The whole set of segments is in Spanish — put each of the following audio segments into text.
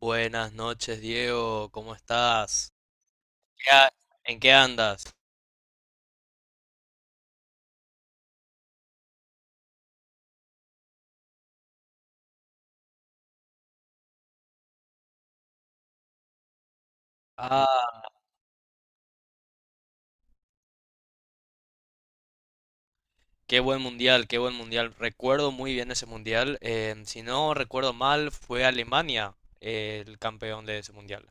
Buenas noches, Diego, ¿cómo estás? ¿Qué ha- ¿En qué andas? Ah, qué buen mundial, qué buen mundial. Recuerdo muy bien ese mundial. Si no recuerdo mal, fue Alemania, el campeón de ese mundial.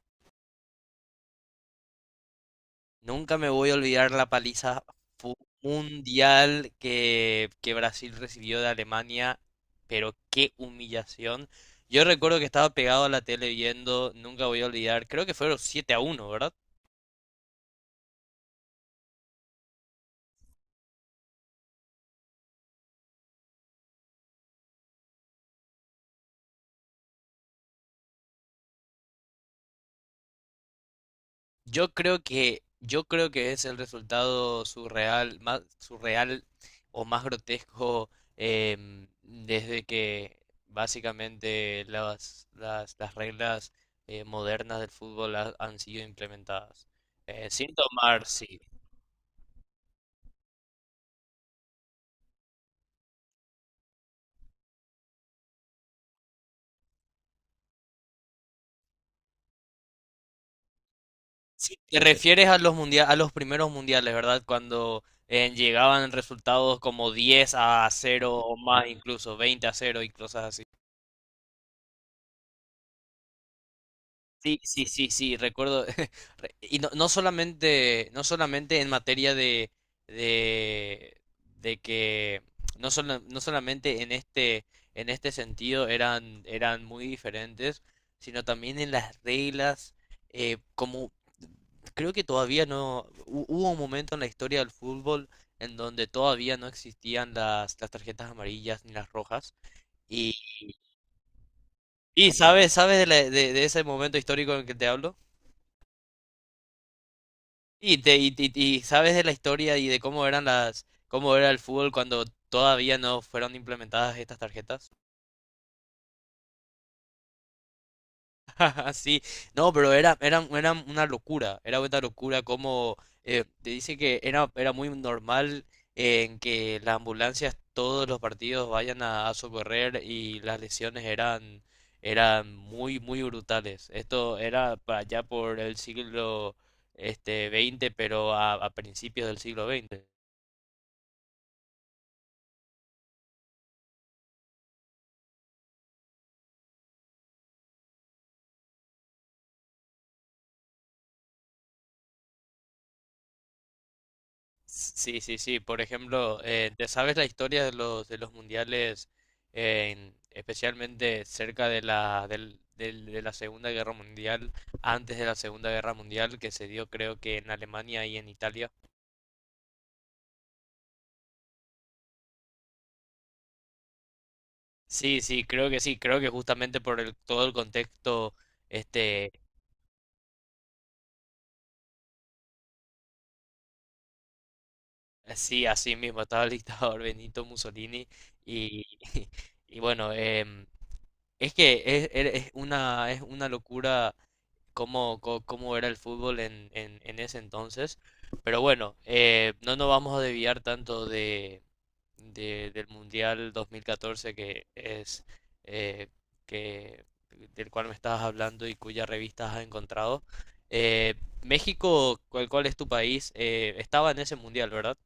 Nunca me voy a olvidar la paliza fu- mundial que Brasil recibió de Alemania, pero qué humillación. Yo recuerdo que estaba pegado a la tele viendo, nunca voy a olvidar, creo que fueron 7 a 1, ¿verdad? Yo creo que es el resultado surreal, más surreal o más grotesco, desde que básicamente las reglas, modernas del fútbol han sido implementadas. Sin tomar, sí. Sí, te refieres a a los primeros mundiales, ¿verdad? Cuando, llegaban resultados como 10 a 0 o más, incluso 20 a 0 y cosas. Sí, sí, sí, sí, recuerdo. Y no solamente, no solamente en materia de, de que no solamente en este sentido eran muy diferentes, sino también en las reglas, como creo que todavía no, hubo un momento en la historia del fútbol en donde todavía no existían las tarjetas amarillas ni las rojas. Y, sabes de, la- de ese momento histórico en que te hablo. Y sabes de la historia y de cómo eran cómo era el fútbol cuando todavía no fueron implementadas estas tarjetas. Sí, no, pero era una locura, era una locura. Como, te dice que era muy normal en que las ambulancias todos los partidos vayan a socorrer, y las lesiones eran muy, muy brutales. Esto era para allá por el siglo, este, veinte, pero a principios del siglo veinte. Sí, sí, sí. Por ejemplo, ¿te sabes la historia de los mundiales, especialmente cerca de la de la Segunda Guerra Mundial, antes de la Segunda Guerra Mundial, que se dio creo que en Alemania y en Italia? Sí, sí. Creo que justamente por el, todo el contexto, este, sí, así mismo estaba el dictador Benito Mussolini, y y bueno, es que es una es una locura cómo, cómo era el fútbol en ese entonces. Pero bueno, no nos vamos a desviar tanto del Mundial 2014, que es, eh, que, del cual me estabas hablando y cuya revista has encontrado. Eh, México, ¿cuál es tu país? Estaba en ese mundial, ¿verdad?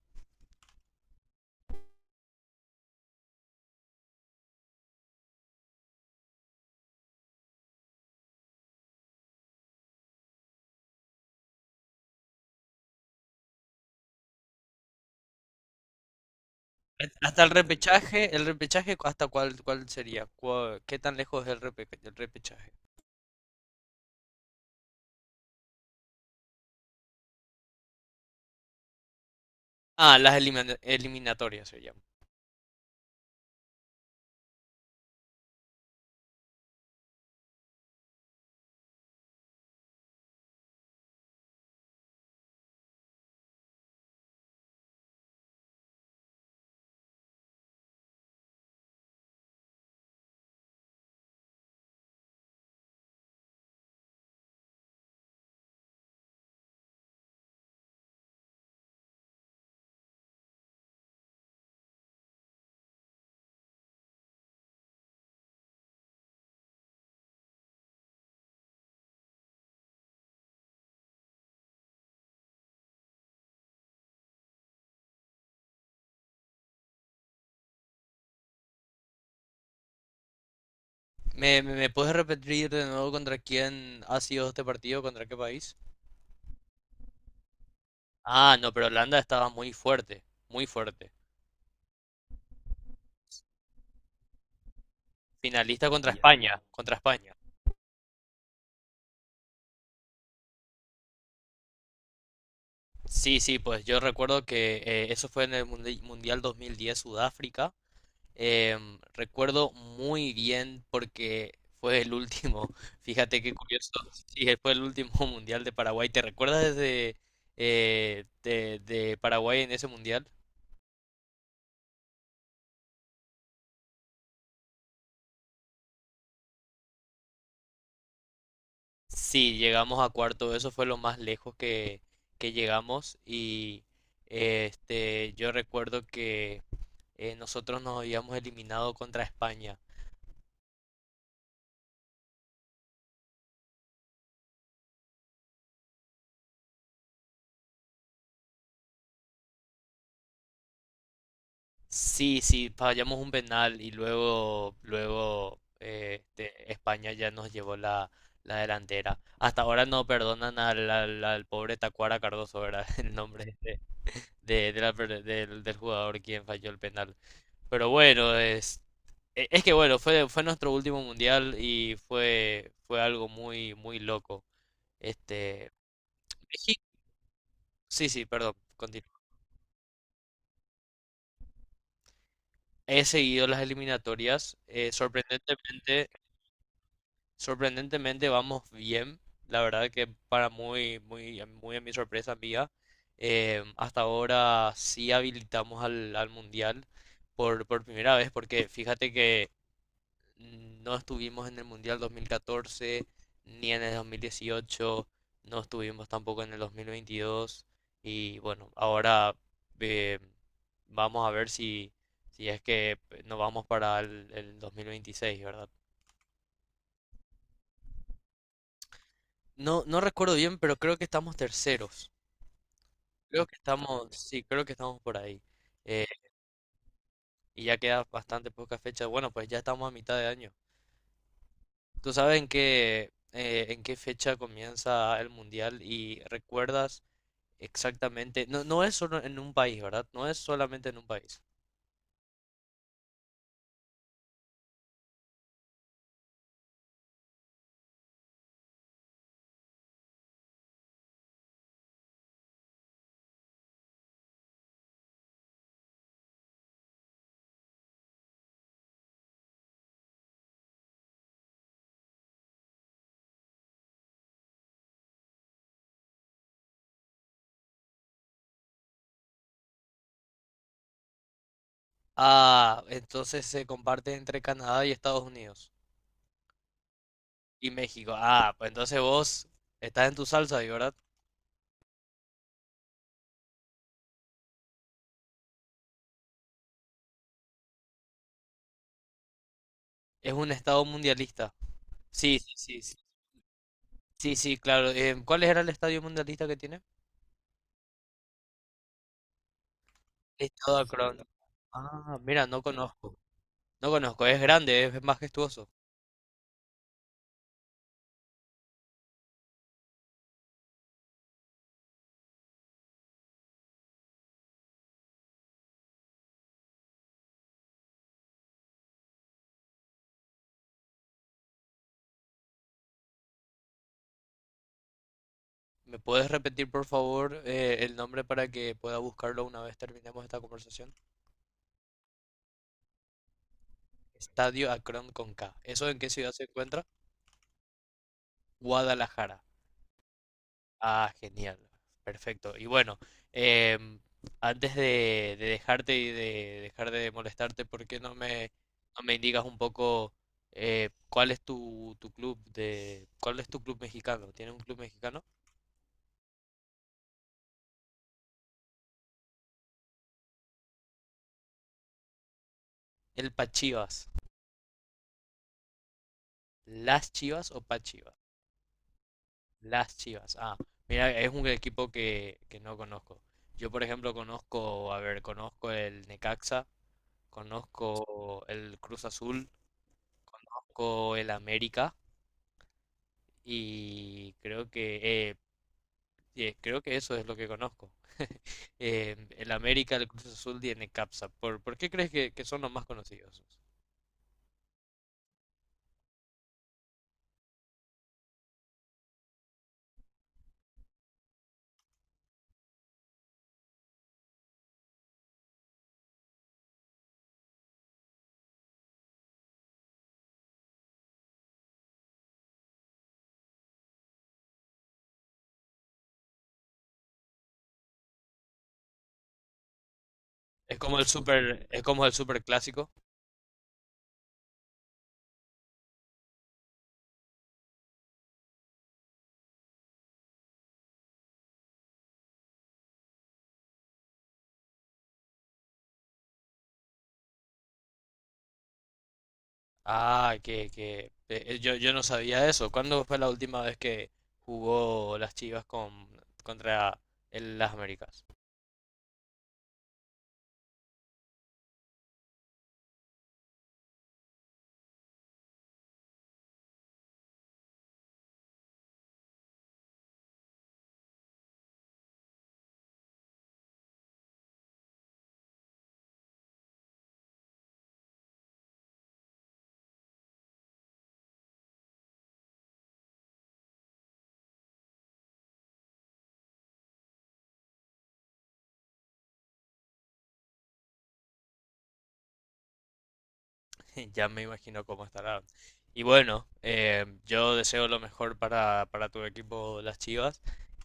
Hasta el repechaje, ¿cuál sería? ¿Qué tan lejos es el repechaje? Ah, eliminatorias se llama. ¿Me puedes repetir de nuevo contra quién ha sido este partido? ¿Contra qué país? Ah, no, pero Holanda estaba muy fuerte, muy fuerte. Finalista contra España, contra España. Sí, sí, pues yo recuerdo que, eso fue en el Mundial 2010, Sudáfrica. Recuerdo muy bien porque fue el último. Fíjate qué curioso. Sí, fue el último Mundial de Paraguay. ¿Te recuerdas desde, de Paraguay en ese Mundial? Sí, llegamos a cuarto, eso fue lo más lejos que llegamos. Y, yo recuerdo que, nosotros nos habíamos eliminado contra España. Sí, sí, fallamos un penal y luego España ya nos llevó la delantera. Hasta ahora no perdonan al pobre Tacuara Cardoso, ¿verdad? El nombre de del jugador quien falló el penal. Pero bueno, es que bueno, fue nuestro último mundial, y fue algo muy, muy loco. Este, México, sí, sí, perdón, continúo. He seguido las eliminatorias, sorprendentemente vamos bien. La verdad que para muy a mi sorpresa mía, hasta ahora sí habilitamos al mundial por primera vez, porque fíjate que no estuvimos en el Mundial 2014 ni en el 2018, no estuvimos tampoco en el 2022. Y bueno, ahora, eh, vamos a ver si es que nos vamos para el 2026, ¿verdad? No, no recuerdo bien, pero creo que estamos terceros. Creo que estamos, sí, creo que estamos por ahí. Eh, y ya queda bastante poca fecha. Bueno, pues ya estamos a mitad de año. ¿Tú sabes en qué fecha comienza el mundial? Y recuerdas exactamente. No, no es solo en un país, ¿verdad? No es solamente en un país. Ah, entonces se comparte entre Canadá y Estados Unidos. Y México. Ah, pues entonces vos estás en tu salsa ahí, ¿verdad? Es un estado mundialista. Sí, sí, sí. Sí, sí, sí, claro. ¿Cuál era el estadio mundialista que tiene? Estado Akron. Ah, mira, no conozco. No conozco. Es grande, es majestuoso. ¿Me puedes repetir, por favor, el nombre para que pueda buscarlo una vez terminemos esta conversación? Estadio Akron con K. ¿Eso en qué ciudad se encuentra? Guadalajara. Ah, genial. Perfecto. Y bueno, em, antes de dejarte y de dejar de molestarte, ¿por qué no me indicas un poco, cuál es tu, cuál es tu club mexicano? ¿Tienes un club mexicano? El Pachivas. ¿Las Chivas o Pachivas? Las Chivas. Ah, mira, es un equipo que no conozco. Yo, por ejemplo, conozco, a ver, conozco el Necaxa, conozco el Cruz Azul, conozco el América, y creo que eso es lo que conozco. El América, el Cruz Azul y el Capsa. ¿Por qué crees que son los más conocidos? Es como el super, es como el super clásico. Ah, que yo, yo no sabía eso. ¿Cuándo fue la última vez que jugó las Chivas contra las Américas? Ya me imagino cómo estará. Y bueno, yo deseo lo mejor para tu equipo, las Chivas,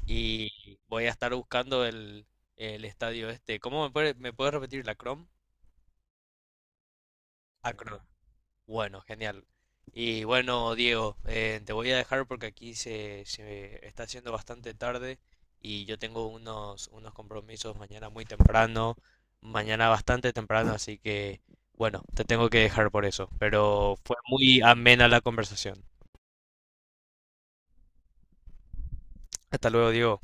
y voy a estar buscando el estadio este. ¿Me puedes repetir la Crom? Acron. Bueno, genial. Y bueno, Diego, te voy a dejar porque aquí se está haciendo bastante tarde, y yo tengo unos compromisos mañana muy temprano, mañana bastante temprano, así que bueno, te tengo que dejar por eso. Pero fue muy amena la conversación. Hasta luego, Diego.